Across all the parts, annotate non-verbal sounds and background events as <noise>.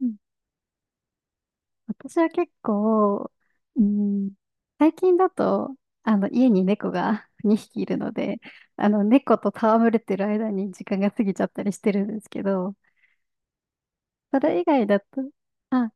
うん。私は結構、うん、最近だと、家に猫が <laughs> 2匹いるので、猫と戯れてる間に時間が過ぎちゃったりしてるんですけど、それ以外だと、あ、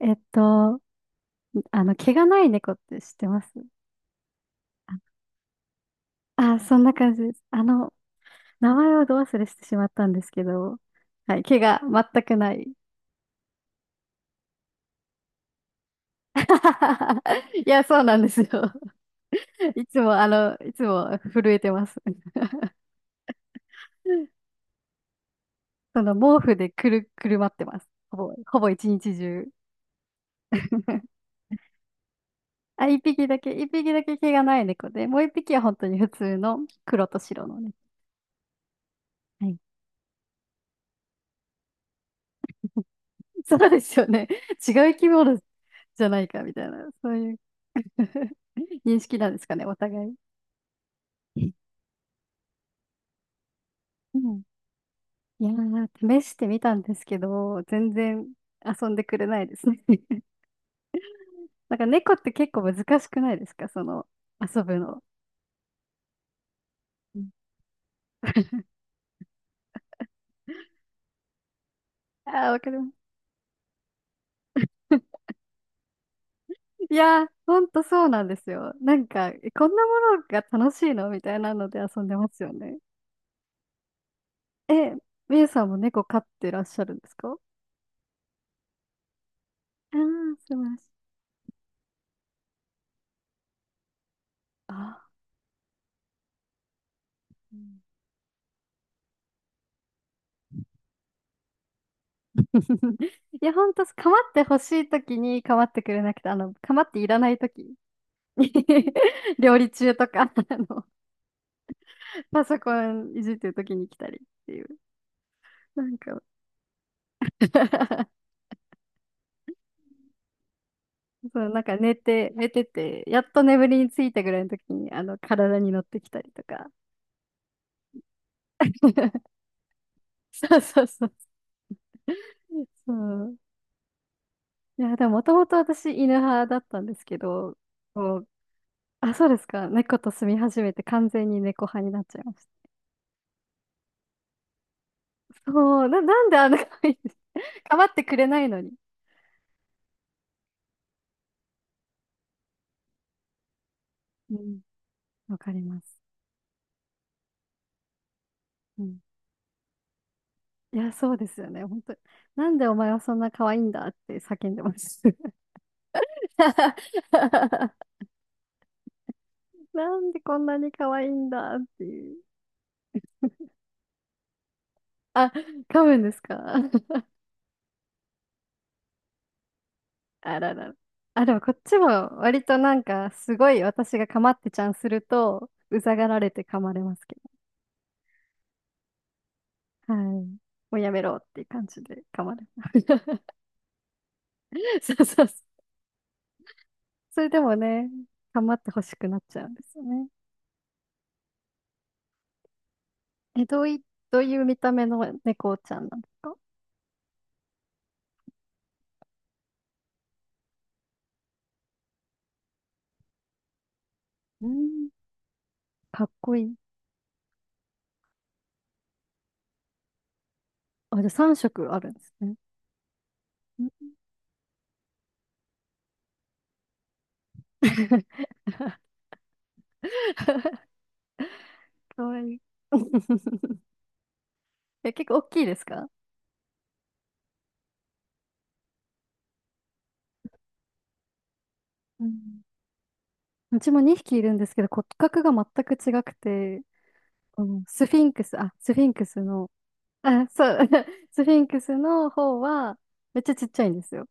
えっと、毛がない猫って知ってます？あ、そんな感じです。名前をど忘れしてしまったんですけど、はい、毛が全くない。<laughs> いや、そうなんですよ。いつも震えてます。その毛布でくるまってます。ほぼ一日中。<laughs> あ、一匹だけ毛がない猫で、もう一匹は本当に普通の黒と白のね。はい。そうですよね。<laughs> 違う生き物じゃないかみたいな、そういう <laughs> 認識なんですかね、お互い。うん。いやー、試してみたんですけど、全然遊んでくれないですね。<laughs> なんか猫って結構難しくないですか、その遊ぶの。うん、あー、わかります。いや、ほんとそうなんですよ。なんか、え、こんなものが楽しいのみたいなので遊んでますよね。え、みゆさんも猫飼ってらっしゃるんですか？ああー、素晴らしい。ああ。うん。 <laughs> いや、ほんと、かまってほしいときにかまってくれなくて、かまっていらないとき。<laughs> 料理中とか、あの、パソコンいじってるときに来たりっていう。なんか <laughs> そう、なんか寝てて、やっと眠りについたぐらいのときに、体に乗ってきたりとか。<laughs> そうそうそう。そう。いや、でももともと私犬派だったんですけど、こう、あ、そうですか。猫と住み始めて完全に猫派になっちゃいました。そう、なんであんな可愛いんです？ <laughs> 構ってくれないのに。うん、わかります。うん。いや、そうですよね。本当になんでお前はそんな可愛いんだって叫んでます。<laughs> なんでこんなに可愛いんだっていう。あ、噛むんですか？あらら。あ、でもこっちも割となんかすごい私が構ってちゃんすると、うざがられて噛まれますけど。はい。もうやめろっていう感じで噛まれます。<laughs> そうそうそう。それでもね、まってほしくなっちゃうんですよね。え、どういう見た目の猫ちゃんなんですか？うん、かっこいい。あ、じゃあ3色あるんですね。うん。 <laughs> かわいい。<laughs> え、結構大きいですか？うん。うちも2匹いるんですけど骨格が全く違くて、うん、スフィンクス、あ、スフィンクスの、あ、そう、<laughs> スフィンクスの方はめっちゃちっちゃいんですよ。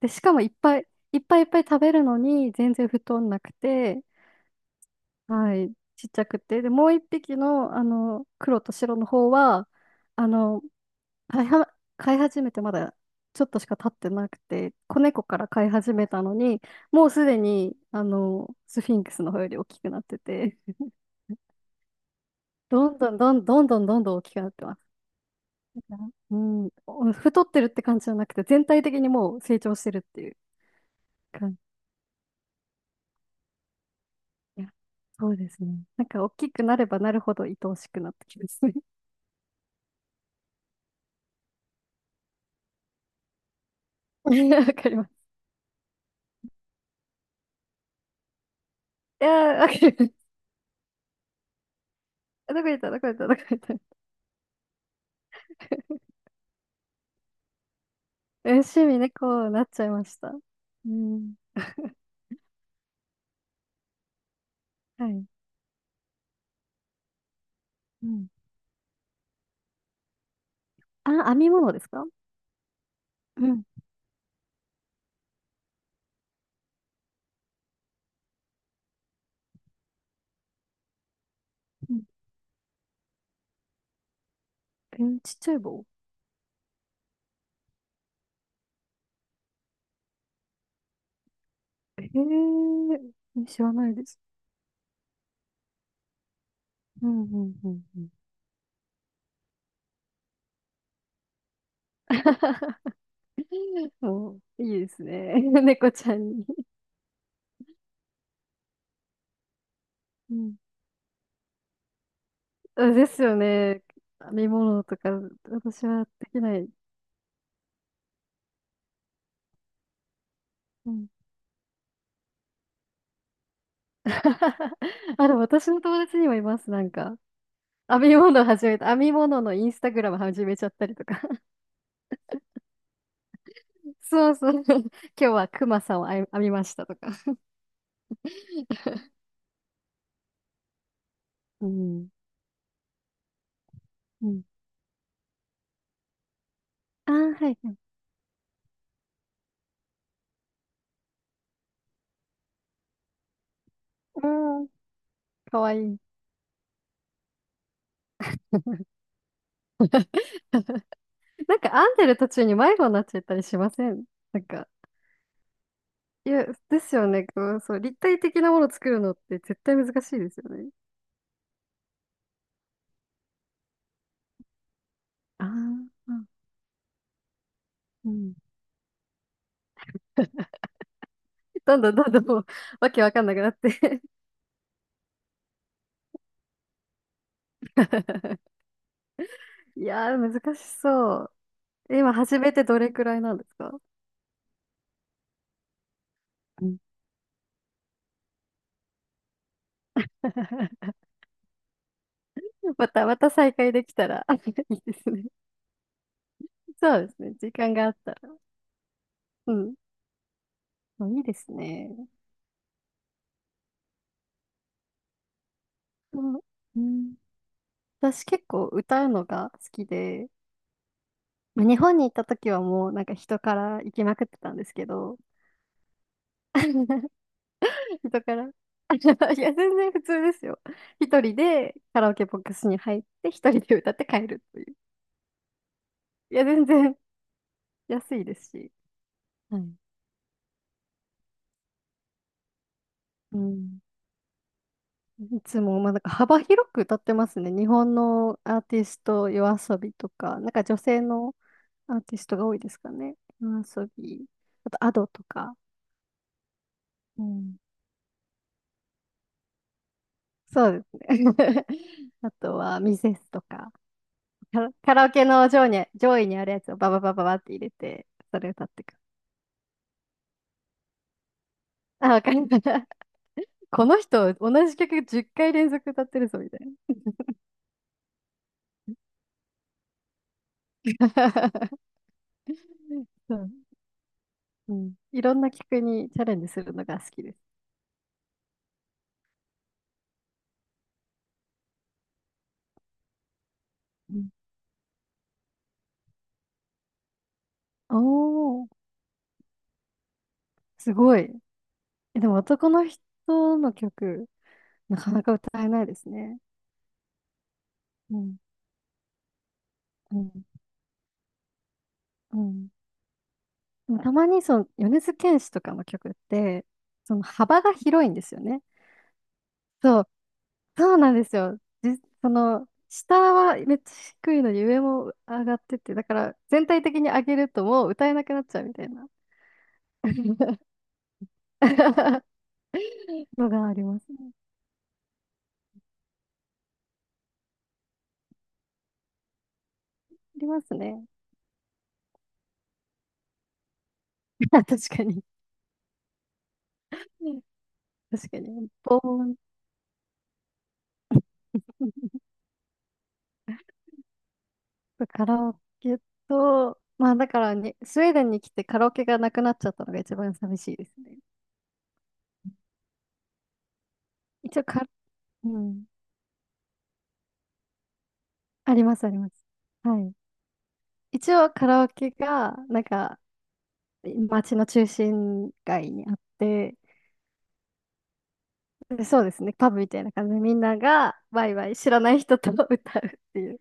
で、しかもいっぱいいっぱいいっぱい食べるのに全然太んなくて、はい、ちっちゃくて。で、もう一匹の、黒と白の方は、あの、飼い始めてまだちょっとしか経ってなくて、子猫から飼い始めたのに、もうすでに、スフィンクスの方より大きくなってて。どんどんどんどんどんどんどん大きくなってます。うん、お太ってるって感じじゃなくて、全体的にもう成長してるっていう感じ。いや、そうですね。なんか大きくなればなるほど愛おしくなってきますね。<laughs> いや、わかります。いや、わかります。あ、どこ行った、どこ行った、どこ行った。<laughs> え、趣味ね、こうなっちゃいました。うん。はい。うん。あ、編み物ですか？うん。うん。えー、ちっちゃい棒。えー、知らないです。うんうんうんうん。<laughs> <laughs> もう、いいですね。<laughs> 猫ちゃんに。うん。あ、ですよね。編み物とか、私はできない。うん。<laughs> あ、でも私の友達にもいます。なんか、編み物始めた。編み物のインスタグラム始めちゃったりとか。<laughs> そうそう。<laughs> 今日はクマさんを編みましたとか。うん。うん。あー、はい。うん。かわいい。<laughs> なんか編んでる途中に迷子になっちゃったりしません？なんか、いや、ですよね。こう、そう、立体的なものを作るのって絶対難しいですよね。ああ、うん。<laughs> どんどんどんどんもう、わけわかんなくなって <laughs> いやー、難しそう。え、今、始めてどれくらいなんですか？うん。 <laughs> また再開できたら <laughs> いいですね。そうですね。時間があったら。うん。あ、いいですね。うん。うん。私結構歌うのが好きで、まあ日本に行った時はもうなんか人から行きまくってたんですけど、<laughs> 人から。<laughs> いや、全然普通ですよ。一人でカラオケボックスに入って、一人で歌って帰るという。いや、全然安いですし。はい。うん。いつも、まあ、なんか幅広く歌ってますね。日本のアーティスト、夜遊びとか、なんか女性のアーティストが多いですかね。夜遊び、あとアドとか。うん。そうですね。<laughs> あとはミセスとか、カラオケの上位にあるやつをバババババって入れて、それ歌って、あ、わかりました。<laughs> この人、同じ曲10回連続歌ってるぞ、みたいな。<laughs> そう、うん。いろんな曲にチャレンジするのが好きです。うん、おー、すごい。え、でも男の人の曲、なかなか歌えないですね。うん、うん、うん。でもたまにその、米津玄師とかの曲って、その幅が広いんですよね。そうそうなんですよ。その、下はめっちゃ低いのに上も上がってて、だから全体的に上げるともう歌えなくなっちゃうみたいな <laughs> のがありますね。ありますね。<laughs> 確かに。確かに。ボーン。カラオケと、まあだからにスウェーデンに来てカラオケがなくなっちゃったのが一番寂しいですね。一応カラ、うん。ありますあります。はい。一応カラオケが、なんか、街の中心街にあって、で、そうですね、パブみたいな感じでみんながワイワイ知らない人と歌うっていう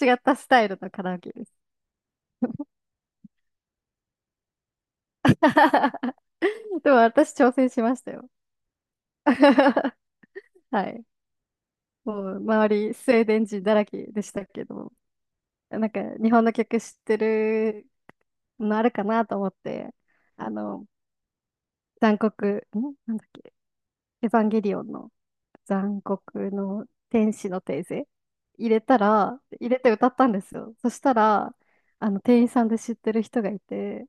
違ったスタイルのカラオケです。<laughs> でも私挑戦しましたよ。<laughs> はい。もう周りスウェーデン人だらけでしたけど、なんか日本の曲知ってるのあるかなと思って、あの、残酷、んなんだっけ、エヴァンゲリオンの残酷の天使のテーゼ入れて歌ったんですよ。そしたら、店員さんで知ってる人がいて、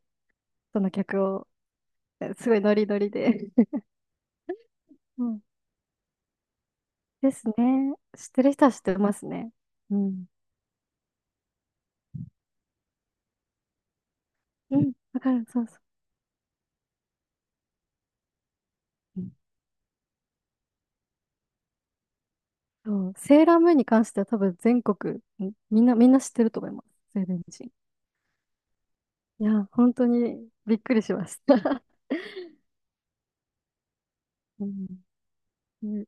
その曲を、え、すごいノリノリで。うん。ですね。知ってる人は知ってますね。うん。うん。わかる。そうそう。うん、そう、セーラームーンに関しては多分全国、みんな知ってると思います。スウェーデン人。いや、本当にびっくりしました。<laughs> うん。ね